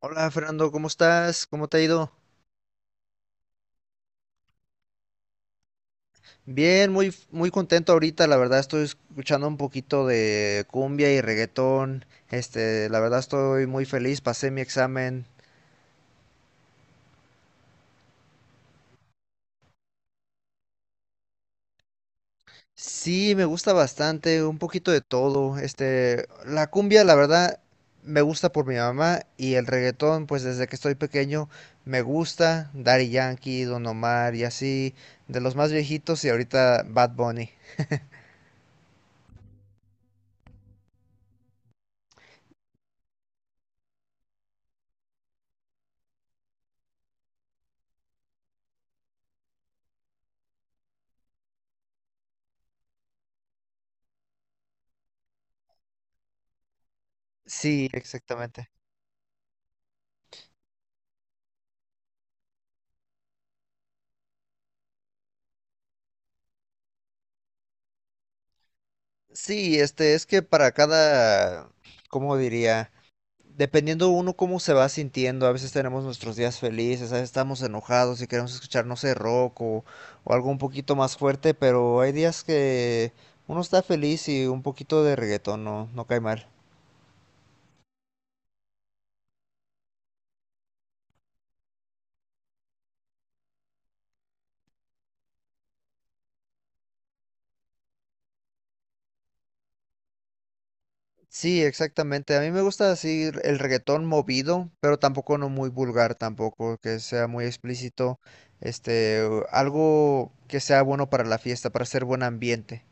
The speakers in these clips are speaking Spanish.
Hola Fernando, ¿cómo estás? ¿Cómo te ha ido? Bien, muy, muy contento ahorita, la verdad estoy escuchando un poquito de cumbia y reggaetón. La verdad estoy muy feliz, pasé mi examen. Sí, me gusta bastante, un poquito de todo. La cumbia, la verdad, me gusta por mi mamá y el reggaetón, pues desde que estoy pequeño me gusta. Daddy Yankee, Don Omar y así, de los más viejitos y ahorita Bad Bunny. Sí, exactamente. Sí, es que para ¿cómo diría? Dependiendo uno cómo se va sintiendo, a veces tenemos nuestros días felices, a veces estamos enojados y queremos escuchar, no sé, rock o algo un poquito más fuerte, pero hay días que uno está feliz y un poquito de reggaetón no cae mal. Sí, exactamente. A mí me gusta así el reggaetón movido, pero tampoco no muy vulgar tampoco, que sea muy explícito, este, algo que sea bueno para la fiesta, para hacer buen ambiente.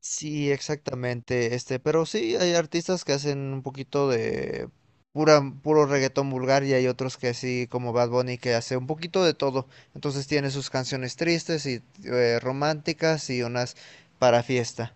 Sí, exactamente, pero sí hay artistas que hacen un poquito de puro reggaetón vulgar y hay otros que sí, como Bad Bunny, que hace un poquito de todo. Entonces tiene sus canciones tristes y románticas y unas para fiesta.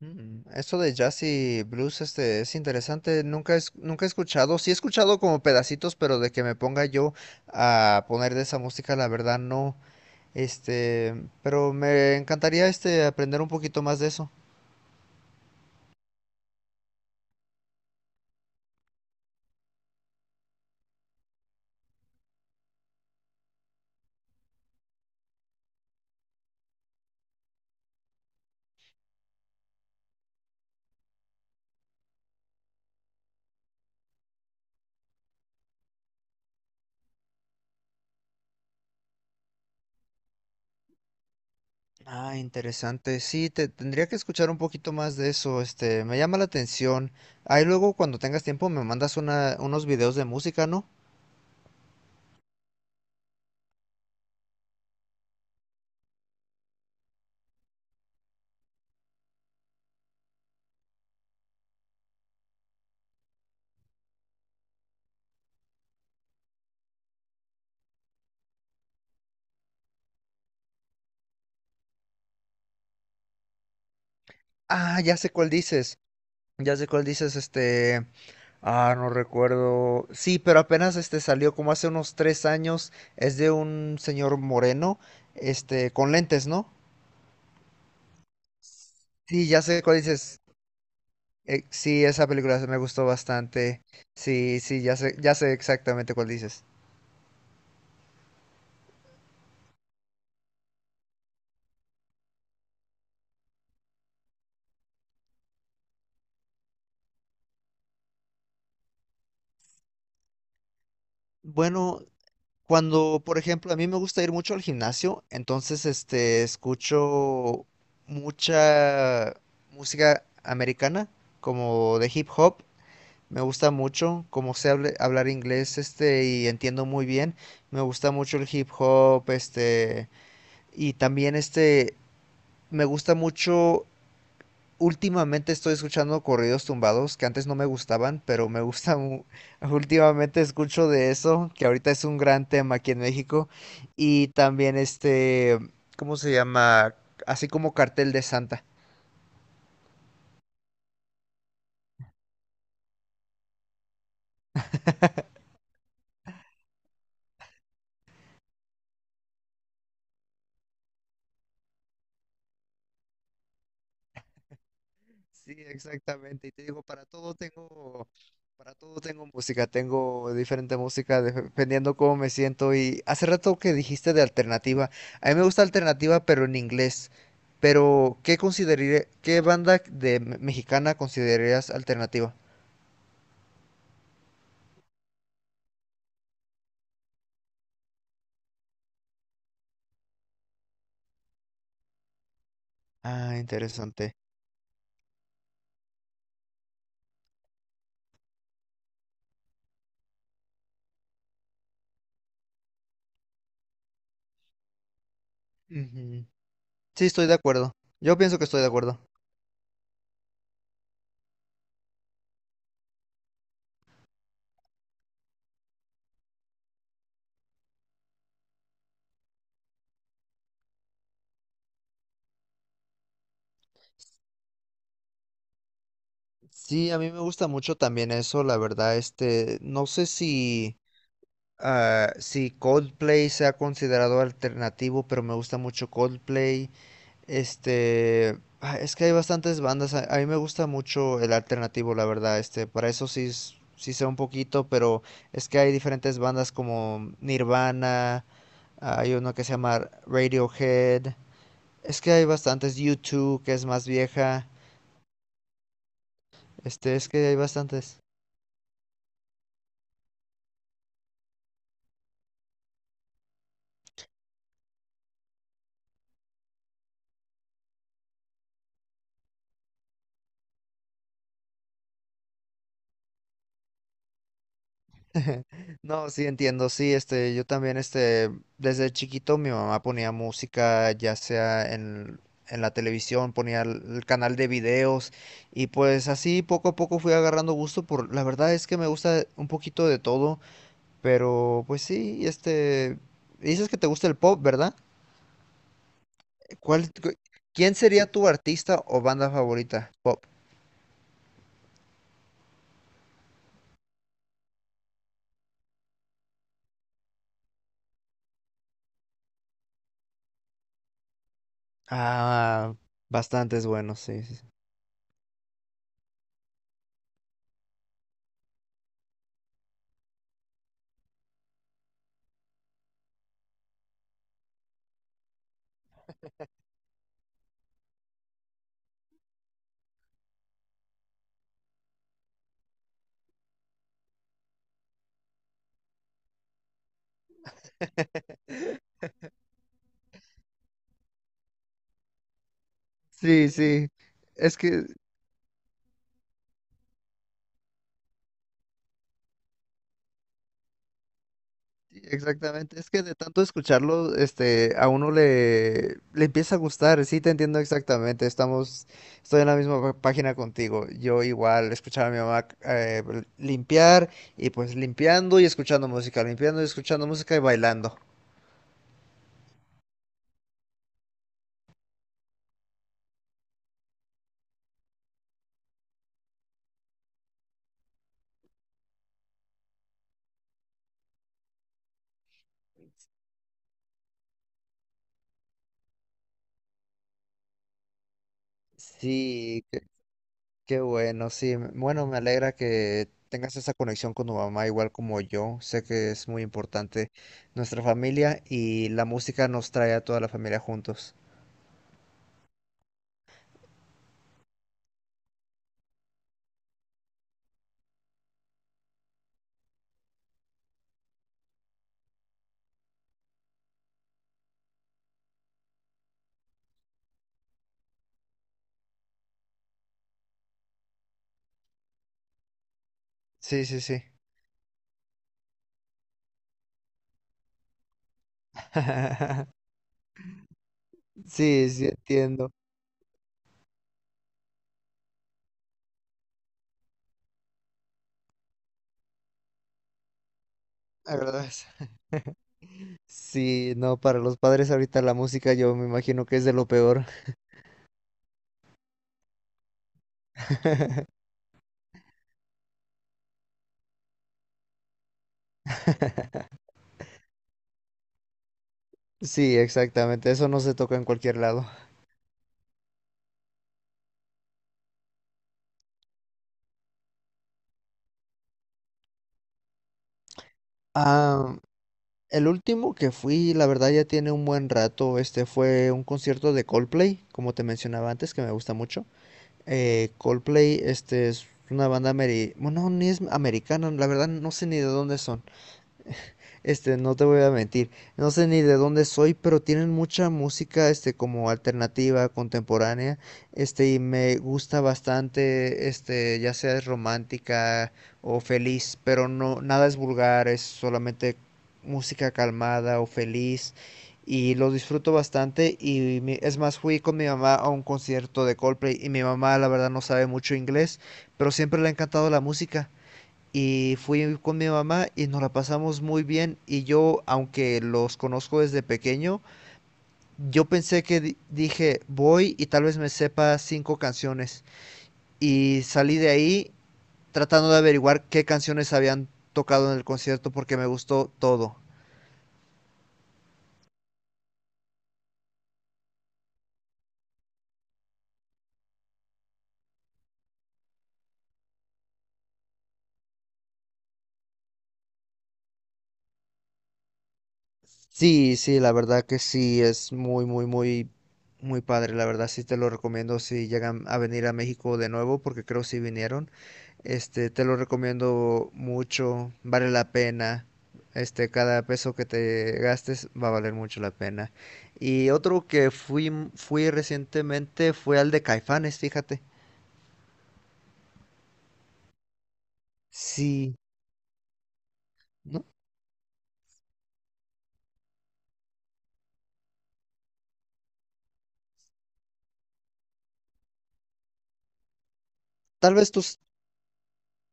Mm, eso de jazz y blues, es interesante. Nunca he escuchado. Sí he escuchado como pedacitos, pero de que me ponga yo a poner de esa música, la verdad no. Este, pero me encantaría aprender un poquito más de eso. Ah, interesante. Sí, te tendría que escuchar un poquito más de eso. Me llama la atención. Ahí luego cuando tengas tiempo me mandas unos videos de música, ¿no? Ah, ya sé cuál dices. Ya sé cuál dices, Ah, no recuerdo. Sí, pero apenas salió como hace unos tres años. Es de un señor moreno, con lentes, ¿no? Sí, ya sé cuál dices. Sí, esa película me gustó bastante. Sí, sí, ya sé exactamente cuál dices. Bueno, cuando, por ejemplo, a mí me gusta ir mucho al gimnasio, entonces escucho mucha música americana, como de hip hop. Me gusta mucho, como sé hablar inglés, y entiendo muy bien. Me gusta mucho el hip hop, y también me gusta mucho. Últimamente estoy escuchando corridos tumbados que antes no me gustaban, pero me gusta Últimamente escucho de eso, que ahorita es un gran tema aquí en México. Y también ¿cómo se llama? Así como Cartel de Santa. Sí, exactamente. Y te digo, para todo tengo música, tengo diferente música dependiendo cómo me siento. Y hace rato que dijiste de alternativa, a mí me gusta alternativa, pero en inglés. Pero, ¿qué consideraré, qué banda mexicana considerarías alternativa? Ah, interesante. Ujú. Sí, estoy de acuerdo. Yo pienso que estoy de acuerdo. Sí, a mí me gusta mucho también eso, la verdad, no sé si. Ah, sí, Coldplay se ha considerado alternativo, pero me gusta mucho Coldplay. Es que hay bastantes bandas. A mí me gusta mucho el alternativo, la verdad. Para eso sí, sí sé un poquito, pero es que hay diferentes bandas como Nirvana, hay uno que se llama Radiohead. Es que hay bastantes. U2, que es más vieja. Es que hay bastantes. No, sí entiendo, sí, yo también, desde chiquito mi mamá ponía música, ya sea en la televisión, ponía el canal de videos, y pues así poco a poco fui agarrando gusto por, la verdad es que me gusta un poquito de todo, pero pues sí, dices que te gusta el pop, ¿verdad? ¿Cuál, cu- ¿quién sería tu artista o banda favorita? Pop. Ah, bastantes buenos, sí, sí, sí. Sí, sí. Es que sí, exactamente, es que de tanto escucharlo, a uno le empieza a gustar, sí te entiendo exactamente, estoy en la misma página contigo, yo igual escuchaba a mi mamá limpiar y pues limpiando y escuchando música, limpiando y escuchando música y bailando. Sí, qué bueno, sí, bueno, me alegra que tengas esa conexión con tu mamá igual como yo, sé que es muy importante nuestra familia y la música nos trae a toda la familia juntos. Sí, sí, sí. Sí, sí, entiendo. La verdad sí, no, para los padres ahorita la música yo me imagino que es de lo peor. Sí, exactamente, eso no se toca en cualquier lado. Ah, el último que fui, la verdad ya tiene un buen rato, este fue un concierto de Coldplay, como te mencionaba antes, que me gusta mucho. Coldplay, es una banda ameri... Bueno, no, ni es americana, la verdad no sé ni de dónde son. No te voy a mentir, no sé ni de dónde soy, pero tienen mucha música, como alternativa, contemporánea, y me gusta bastante, ya sea es romántica o feliz, pero no, nada es vulgar, es solamente música calmada o feliz, y los disfruto bastante, y es más, fui con mi mamá a un concierto de Coldplay, y mi mamá, la verdad, no sabe mucho inglés, pero siempre le ha encantado la música. Y fui con mi mamá y nos la pasamos muy bien. Y yo, aunque los conozco desde pequeño, yo pensé que dije, voy y tal vez me sepa cinco canciones. Y salí de ahí tratando de averiguar qué canciones habían tocado en el concierto porque me gustó todo. Sí, sí, la verdad que sí, es muy padre. La verdad sí te lo recomiendo si llegan a venir a México de nuevo porque creo si vinieron. Te lo recomiendo mucho, vale la pena. Cada peso que te gastes va a valer mucho la pena. Y otro que fui, recientemente fue al de Caifanes, fíjate. Sí, ¿no? Tal vez tus,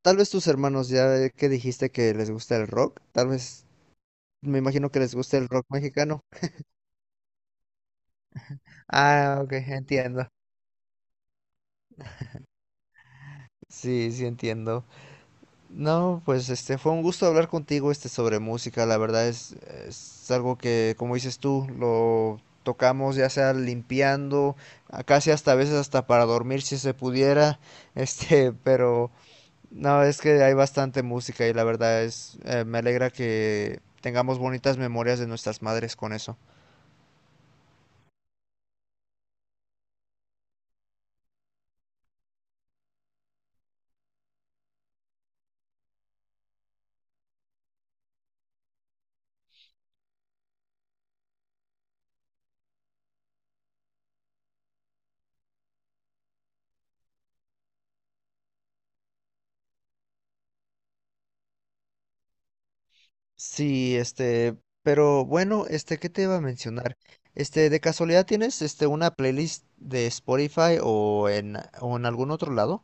tal vez tus hermanos, ya que dijiste que les gusta el rock, tal vez, me imagino que les gusta el rock mexicano. Ah, ok, entiendo. Sí, sí entiendo. No, pues este fue un gusto hablar contigo sobre música. La verdad es algo que, como dices tú, lo tocamos ya sea limpiando, casi hasta a veces hasta para dormir si se pudiera. Pero no, es que hay bastante música y la verdad es, me alegra que tengamos bonitas memorias de nuestras madres con eso. Sí, pero bueno, ¿qué te iba a mencionar? ¿De casualidad tienes una playlist de Spotify o o en algún otro lado?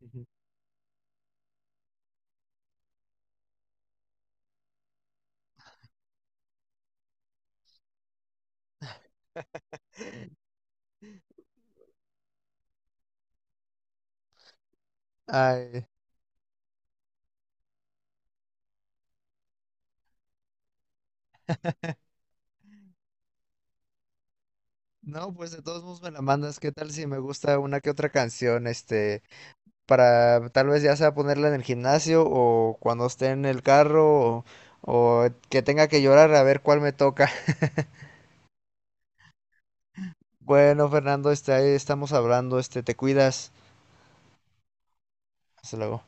Ujú. Ay, no, pues de todos modos me la mandas. ¿Qué tal si me gusta una que otra canción? Para tal vez ya sea ponerla en el gimnasio o cuando esté en el carro o que tenga que llorar a ver cuál me toca. Bueno, Fernando, ahí estamos hablando. Te cuidas. Hasta luego.